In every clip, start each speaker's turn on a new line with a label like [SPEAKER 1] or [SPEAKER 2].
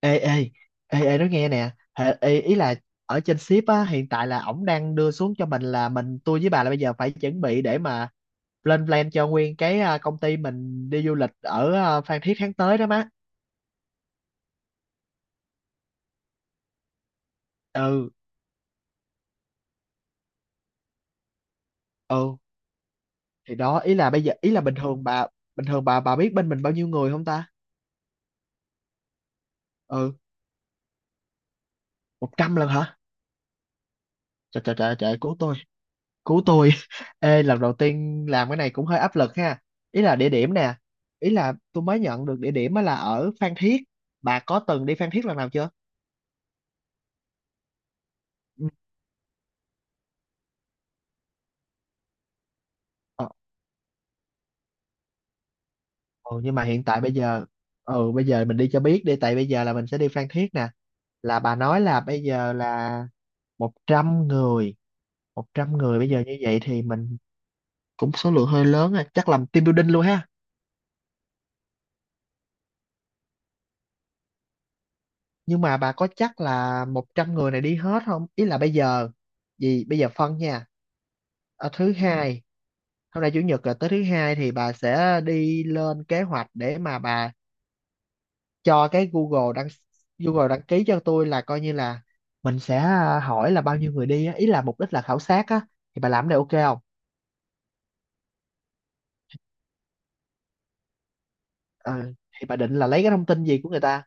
[SPEAKER 1] Ê ê ê ê nói nghe nè. Hả? Ý là ở trên ship á, hiện tại là ổng đang đưa xuống cho mình là mình, tôi với bà là bây giờ phải chuẩn bị để mà lên plan cho nguyên cái công ty mình đi du lịch ở Phan Thiết tháng tới đó má. Ừ. ừ thì đó, ý là bây giờ, ý là bình thường bà, bình thường bà biết bên mình bao nhiêu người không ta? Ừ. Một trăm lần hả? Trời trời trời trời, cứu tôi. Cứu tôi. Ê, lần đầu tiên làm cái này cũng hơi áp lực ha. Ý là địa điểm nè. Ý là tôi mới nhận được địa điểm á là ở Phan Thiết. Bà có từng đi Phan Thiết lần nào chưa? Ừ. Ờ. Ừ, nhưng mà hiện tại bây giờ, bây giờ mình đi cho biết đi, tại bây giờ là mình sẽ đi Phan Thiết nè. Là bà nói là bây giờ là 100 người. Một trăm người bây giờ như vậy thì mình cũng số lượng hơi lớn rồi, chắc làm team building luôn ha. Nhưng mà bà có chắc là 100 người này đi hết không, ý là bây giờ gì bây giờ phân nha. Ờ, thứ hai, hôm nay chủ nhật là tới thứ hai thì bà sẽ đi lên kế hoạch để mà bà cho cái Google đăng, Google đăng ký cho tôi, là coi như là mình sẽ hỏi là bao nhiêu người đi á, ý là mục đích là khảo sát á. Thì bà làm cái này ok không? Ờ, thì bà định là lấy cái thông tin gì của người ta?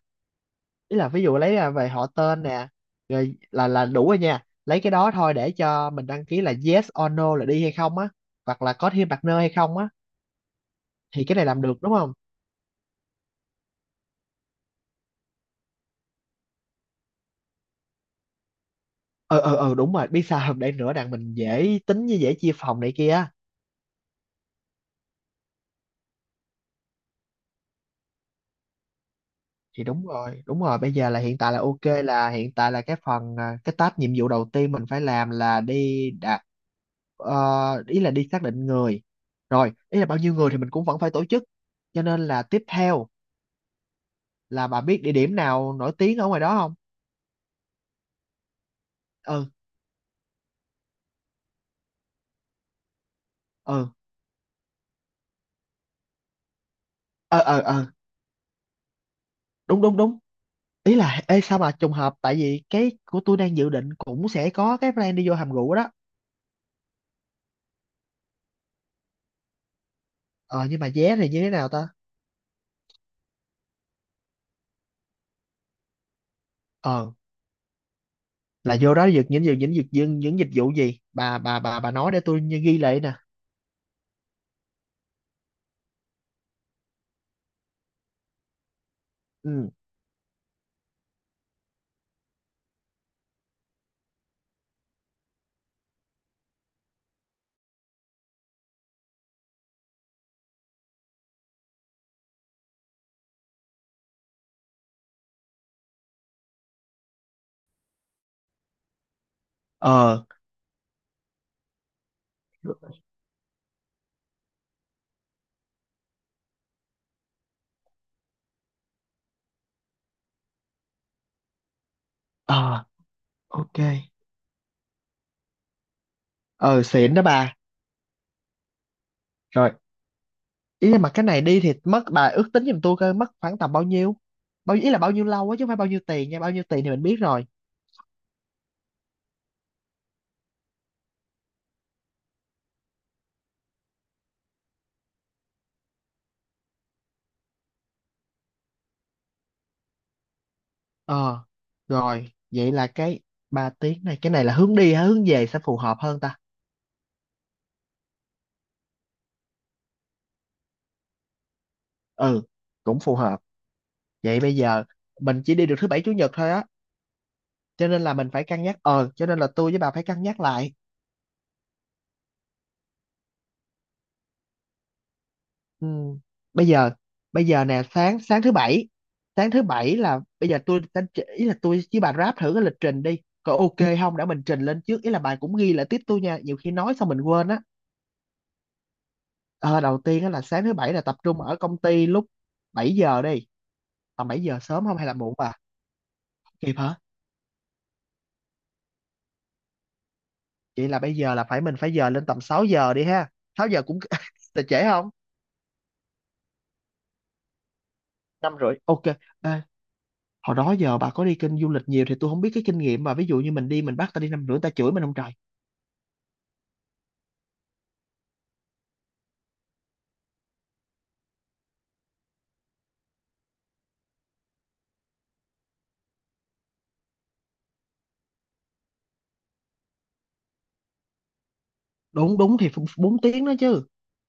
[SPEAKER 1] Ý là ví dụ lấy về họ tên nè, rồi là đủ rồi nha, lấy cái đó thôi để cho mình đăng ký là yes or no là đi hay không á, hoặc là có thêm partner hay không á. Thì cái này làm được đúng không? Ờ Đúng rồi, biết sao không, để nữa đặng mình dễ tính với dễ chia phòng này kia á. Thì đúng rồi đúng rồi, bây giờ là hiện tại là ok, là hiện tại là cái phần cái task, nhiệm vụ đầu tiên mình phải làm là đi đạt. Ờ, ý là đi xác định người, rồi ý là bao nhiêu người thì mình cũng vẫn phải tổ chức, cho nên là tiếp theo là bà biết địa điểm nào nổi tiếng ở ngoài đó không? Ừ. Ừ. ờ ờ ờ Đúng đúng đúng. Ý là ê sao mà trùng hợp, tại vì cái của tôi đang dự định cũng sẽ có cái plan đi vô hầm rượu đó. Ờ nhưng mà vé thì như thế nào ta? Ờ. Là vô đó được những dịch vụ gì, bà nói để tôi như ghi lại nè. Ừ. ờ ờ ok. Ờ xịn đó bà. Rồi, ý là mà cái này đi thì mất, bà ước tính giùm tôi coi mất khoảng tầm bao nhiêu, bao, ý là bao nhiêu lâu á, chứ không phải bao nhiêu tiền nha, bao nhiêu tiền thì mình biết rồi. Ờ, rồi, vậy là cái 3 tiếng này, cái này là hướng đi hay hướng về sẽ phù hợp hơn ta? Ừ, cũng phù hợp. Vậy bây giờ mình chỉ đi được thứ bảy chủ nhật thôi á, cho nên là mình phải cân nhắc. Ờ, cho nên là tôi với bà phải cân nhắc lại. Ừ, bây giờ, bây giờ nè, sáng sáng thứ bảy là bây giờ tôi sẽ, ý là tôi với bà ráp thử cái lịch trình đi. Có ok không để mình trình lên trước, ý là bà cũng ghi lại tiếp tôi nha, nhiều khi nói xong mình quên á. Ờ, đầu tiên á là sáng thứ bảy là tập trung ở công ty lúc 7 giờ đi. Tầm 7 giờ sớm không hay là muộn bà? Kịp hả? Vậy là bây giờ là phải mình phải giờ lên tầm 6 giờ đi ha. 6 giờ cũng là trễ không? Năm rưỡi ok. Ê, hồi đó giờ bà có đi kênh du lịch nhiều thì tôi không biết cái kinh nghiệm, mà ví dụ như mình đi mình bắt ta đi năm rưỡi ta chửi mình không trời. Đúng đúng thì 4 tiếng đó chứ.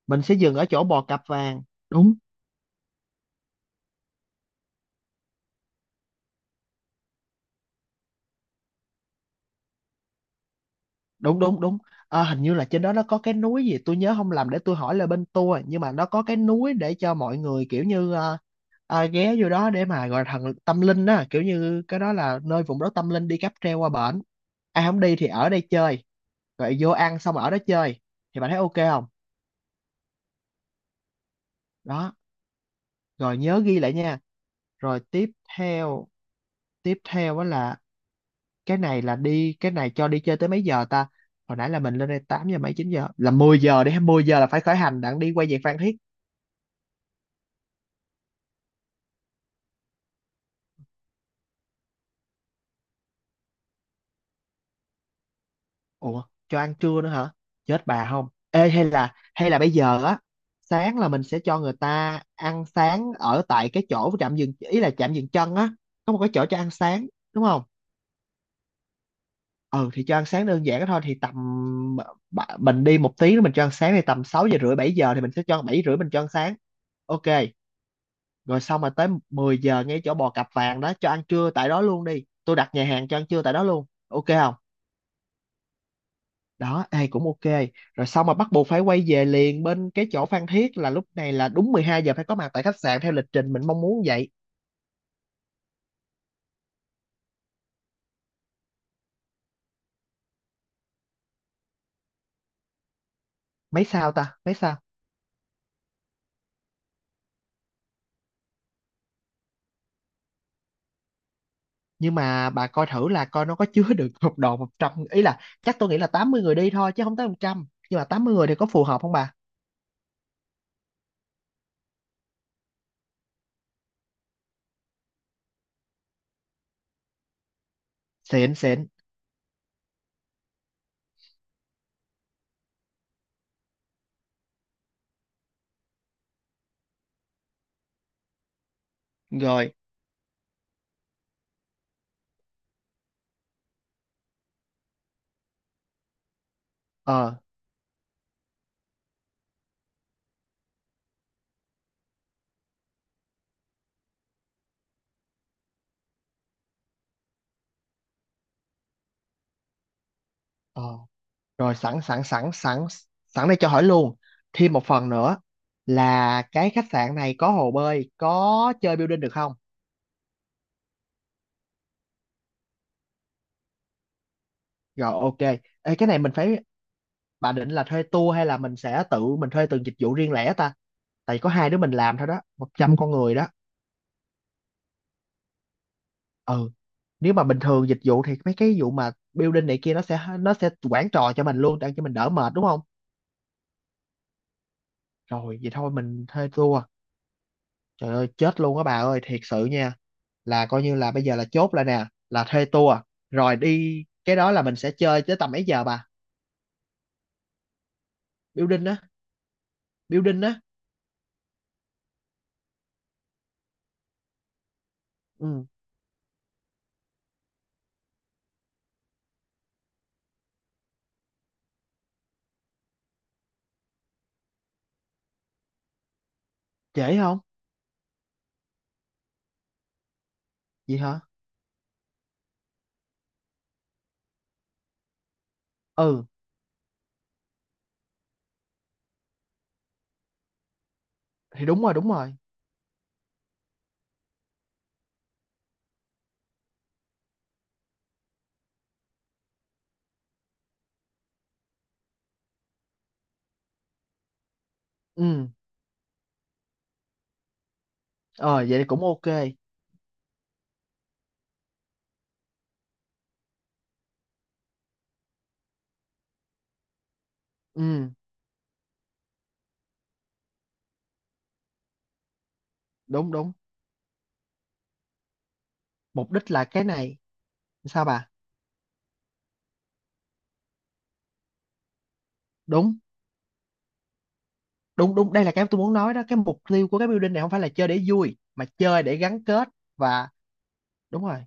[SPEAKER 1] Mình sẽ dừng ở chỗ bò cặp vàng. Đúng. Đúng đúng đúng. Ờ, hình như là trên đó nó có cái núi gì tôi nhớ không lầm, để tôi hỏi là bên tour, nhưng mà nó có cái núi để cho mọi người kiểu như ghé vô đó để mà gọi là thần tâm linh á, kiểu như cái đó là nơi vùng đất tâm linh, đi cáp treo qua bển, ai không đi thì ở đây chơi, rồi vô ăn xong ở đó chơi. Thì bạn thấy ok không? Đó, rồi nhớ ghi lại nha. Rồi tiếp theo, tiếp theo á là cái này là đi, cái này cho đi chơi tới mấy giờ ta? Hồi nãy là mình lên đây 8 giờ mấy, 9 giờ là 10 giờ đi, 10 giờ là phải khởi hành đặng đi quay về Phan Thiết. Ủa, cho ăn trưa nữa hả? Chết bà không, ê hay là bây giờ á, sáng là mình sẽ cho người ta ăn sáng ở tại cái chỗ trạm dừng, ý là trạm dừng chân á, có một cái chỗ cho ăn sáng, đúng không? Ừ, thì cho ăn sáng đơn giản đó thôi, thì tầm, mình đi 1 tiếng nữa mình cho ăn sáng thì tầm 6 giờ rưỡi 7 giờ thì mình sẽ cho 7 rưỡi mình cho ăn sáng. Ok. Rồi xong mà tới 10 giờ ngay chỗ bò cặp vàng đó cho ăn trưa tại đó luôn đi, tôi đặt nhà hàng cho ăn trưa tại đó luôn ok không? Đó ai cũng ok. Rồi xong mà bắt buộc phải quay về liền bên cái chỗ Phan Thiết là lúc này là đúng 12 giờ phải có mặt tại khách sạn theo lịch trình mình mong muốn vậy. Mấy sao ta, mấy sao? Nhưng mà bà coi thử là coi nó có chứa được một đồ 100, ý là chắc tôi nghĩ là 80 người đi thôi chứ không tới 100, nhưng mà 80 người thì có phù hợp không bà? Xịn xịn. Rồi. ờ ờ Rồi sẵn sẵn sẵn sẵn sẵn đây cho hỏi luôn, thêm một phần nữa là cái khách sạn này có hồ bơi, có chơi building được không? Rồi ok. Ê, cái này mình phải, bà định là thuê tour hay là mình sẽ tự mình thuê từng dịch vụ riêng lẻ ta? Tại có hai đứa mình làm thôi đó, 100 con người đó. Ừ. Nếu mà bình thường dịch vụ thì mấy cái vụ mà building này kia nó sẽ quản trò cho mình luôn để cho mình đỡ mệt đúng không? Rồi vậy thôi mình thuê tour. Trời ơi, chết luôn á bà ơi, thiệt sự nha. Là coi như là bây giờ là chốt lại nè là thuê tour. Rồi đi cái đó là mình sẽ chơi tới tầm mấy giờ bà? Building á. Building á. Ừ. Trễ không? Vậy hả? Ừ thì đúng rồi đúng rồi. Ừ. Ờ vậy thì cũng ok. Ừ. Đúng đúng. Mục đích là cái này. Sao bà? Đúng đúng đúng, đây là cái tôi muốn nói đó, cái mục tiêu của cái building này không phải là chơi để vui mà chơi để gắn kết. Và. Đúng rồi.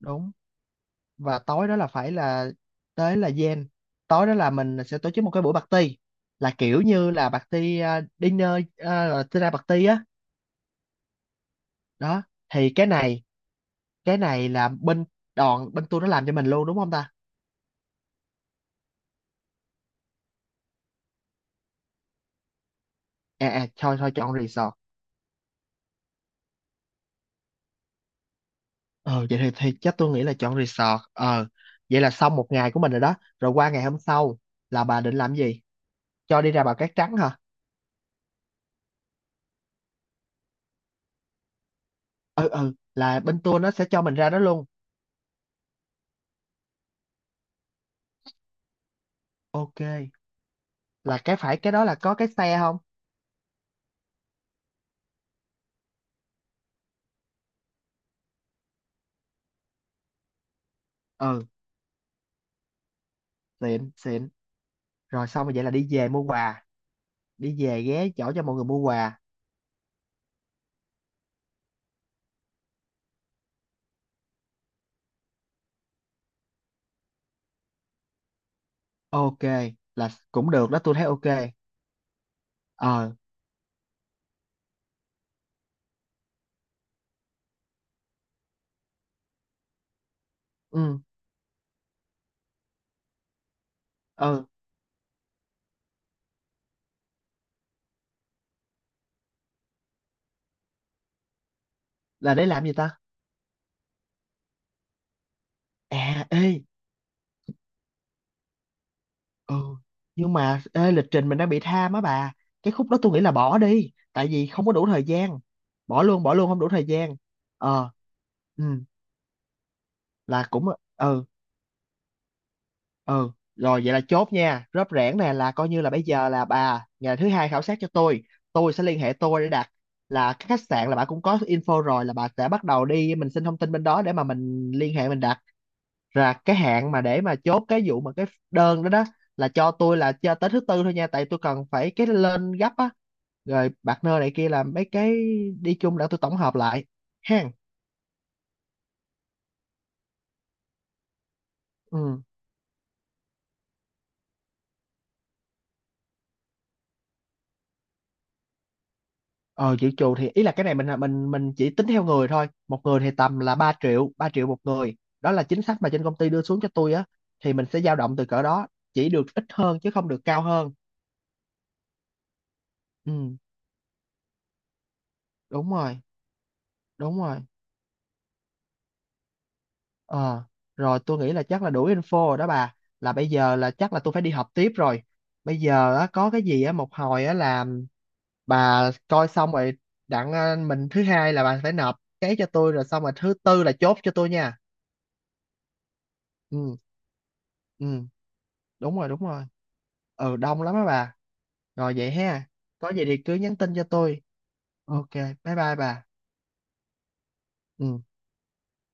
[SPEAKER 1] Đúng. Và tối đó là phải là, tới là gen, tối đó là mình sẽ tổ chức một cái buổi party, là kiểu như là party dinner, dinner party á. Đó. Thì cái này, cái này là bên đoàn bên tôi nó làm cho mình luôn đúng không ta? À à thôi thôi chọn resort. Ờ vậy thì chắc tôi nghĩ là chọn resort. Ờ vậy là xong một ngày của mình rồi đó. Rồi qua ngày hôm sau là bà định làm gì? Cho đi ra Bà Cát Trắng hả? Ừ ừ là bên tour nó sẽ cho mình ra đó luôn. Ok, là cái phải cái đó là có cái xe không? Ừ xịn xịn. Rồi xong rồi vậy là đi về mua quà. Đi về ghé chỗ cho mọi người mua quà. Ok, là cũng được đó tôi thấy ok. Ờ. Ừ. Ừ. Là để làm gì ta? À ê. Ừ nhưng mà ê, lịch trình mình đang bị tham á bà, cái khúc đó tôi nghĩ là bỏ đi tại vì không có đủ thời gian. Bỏ luôn, bỏ luôn, không đủ thời gian. Ờ. Ừ. Là cũng. Ừ. Ừ rồi vậy là chốt nha rớp rẻn nè, là coi như là bây giờ là bà ngày thứ hai khảo sát cho tôi sẽ liên hệ tôi để đặt, là cái khách sạn là bà cũng có info rồi, là bà sẽ bắt đầu đi mình xin thông tin bên đó để mà mình liên hệ mình đặt. Là cái hạn mà để mà chốt cái vụ mà cái đơn đó đó, là cho tôi là cho tới thứ tư thôi nha, tại tôi cần phải cái lên gấp á, rồi partner này kia làm mấy cái đi chung để tôi tổng hợp lại ha. Ừ. Ờ dự trù thì ý là cái này mình chỉ tính theo người thôi, một người thì tầm là 3 triệu, 3 triệu một người. Đó là chính sách mà trên công ty đưa xuống cho tôi á, thì mình sẽ dao động từ cỡ đó, chỉ được ít hơn chứ không được cao hơn. Ừ, đúng rồi. Đúng rồi. Ờ, rồi tôi nghĩ là chắc là đủ info rồi đó bà. Là bây giờ là chắc là tôi phải đi học tiếp rồi. Bây giờ á, có cái gì á một hồi á là bà coi xong rồi đặng ờ, mình thứ hai là bà phải nộp cái cho tôi, rồi xong rồi thứ tư là chốt cho tôi nha. Ừ, ừ, đúng rồi, đúng rồi. Ừ, đông lắm á bà. Rồi vậy ha. Có gì thì cứ nhắn tin cho tôi. Ok, bye bye bà. Ừ.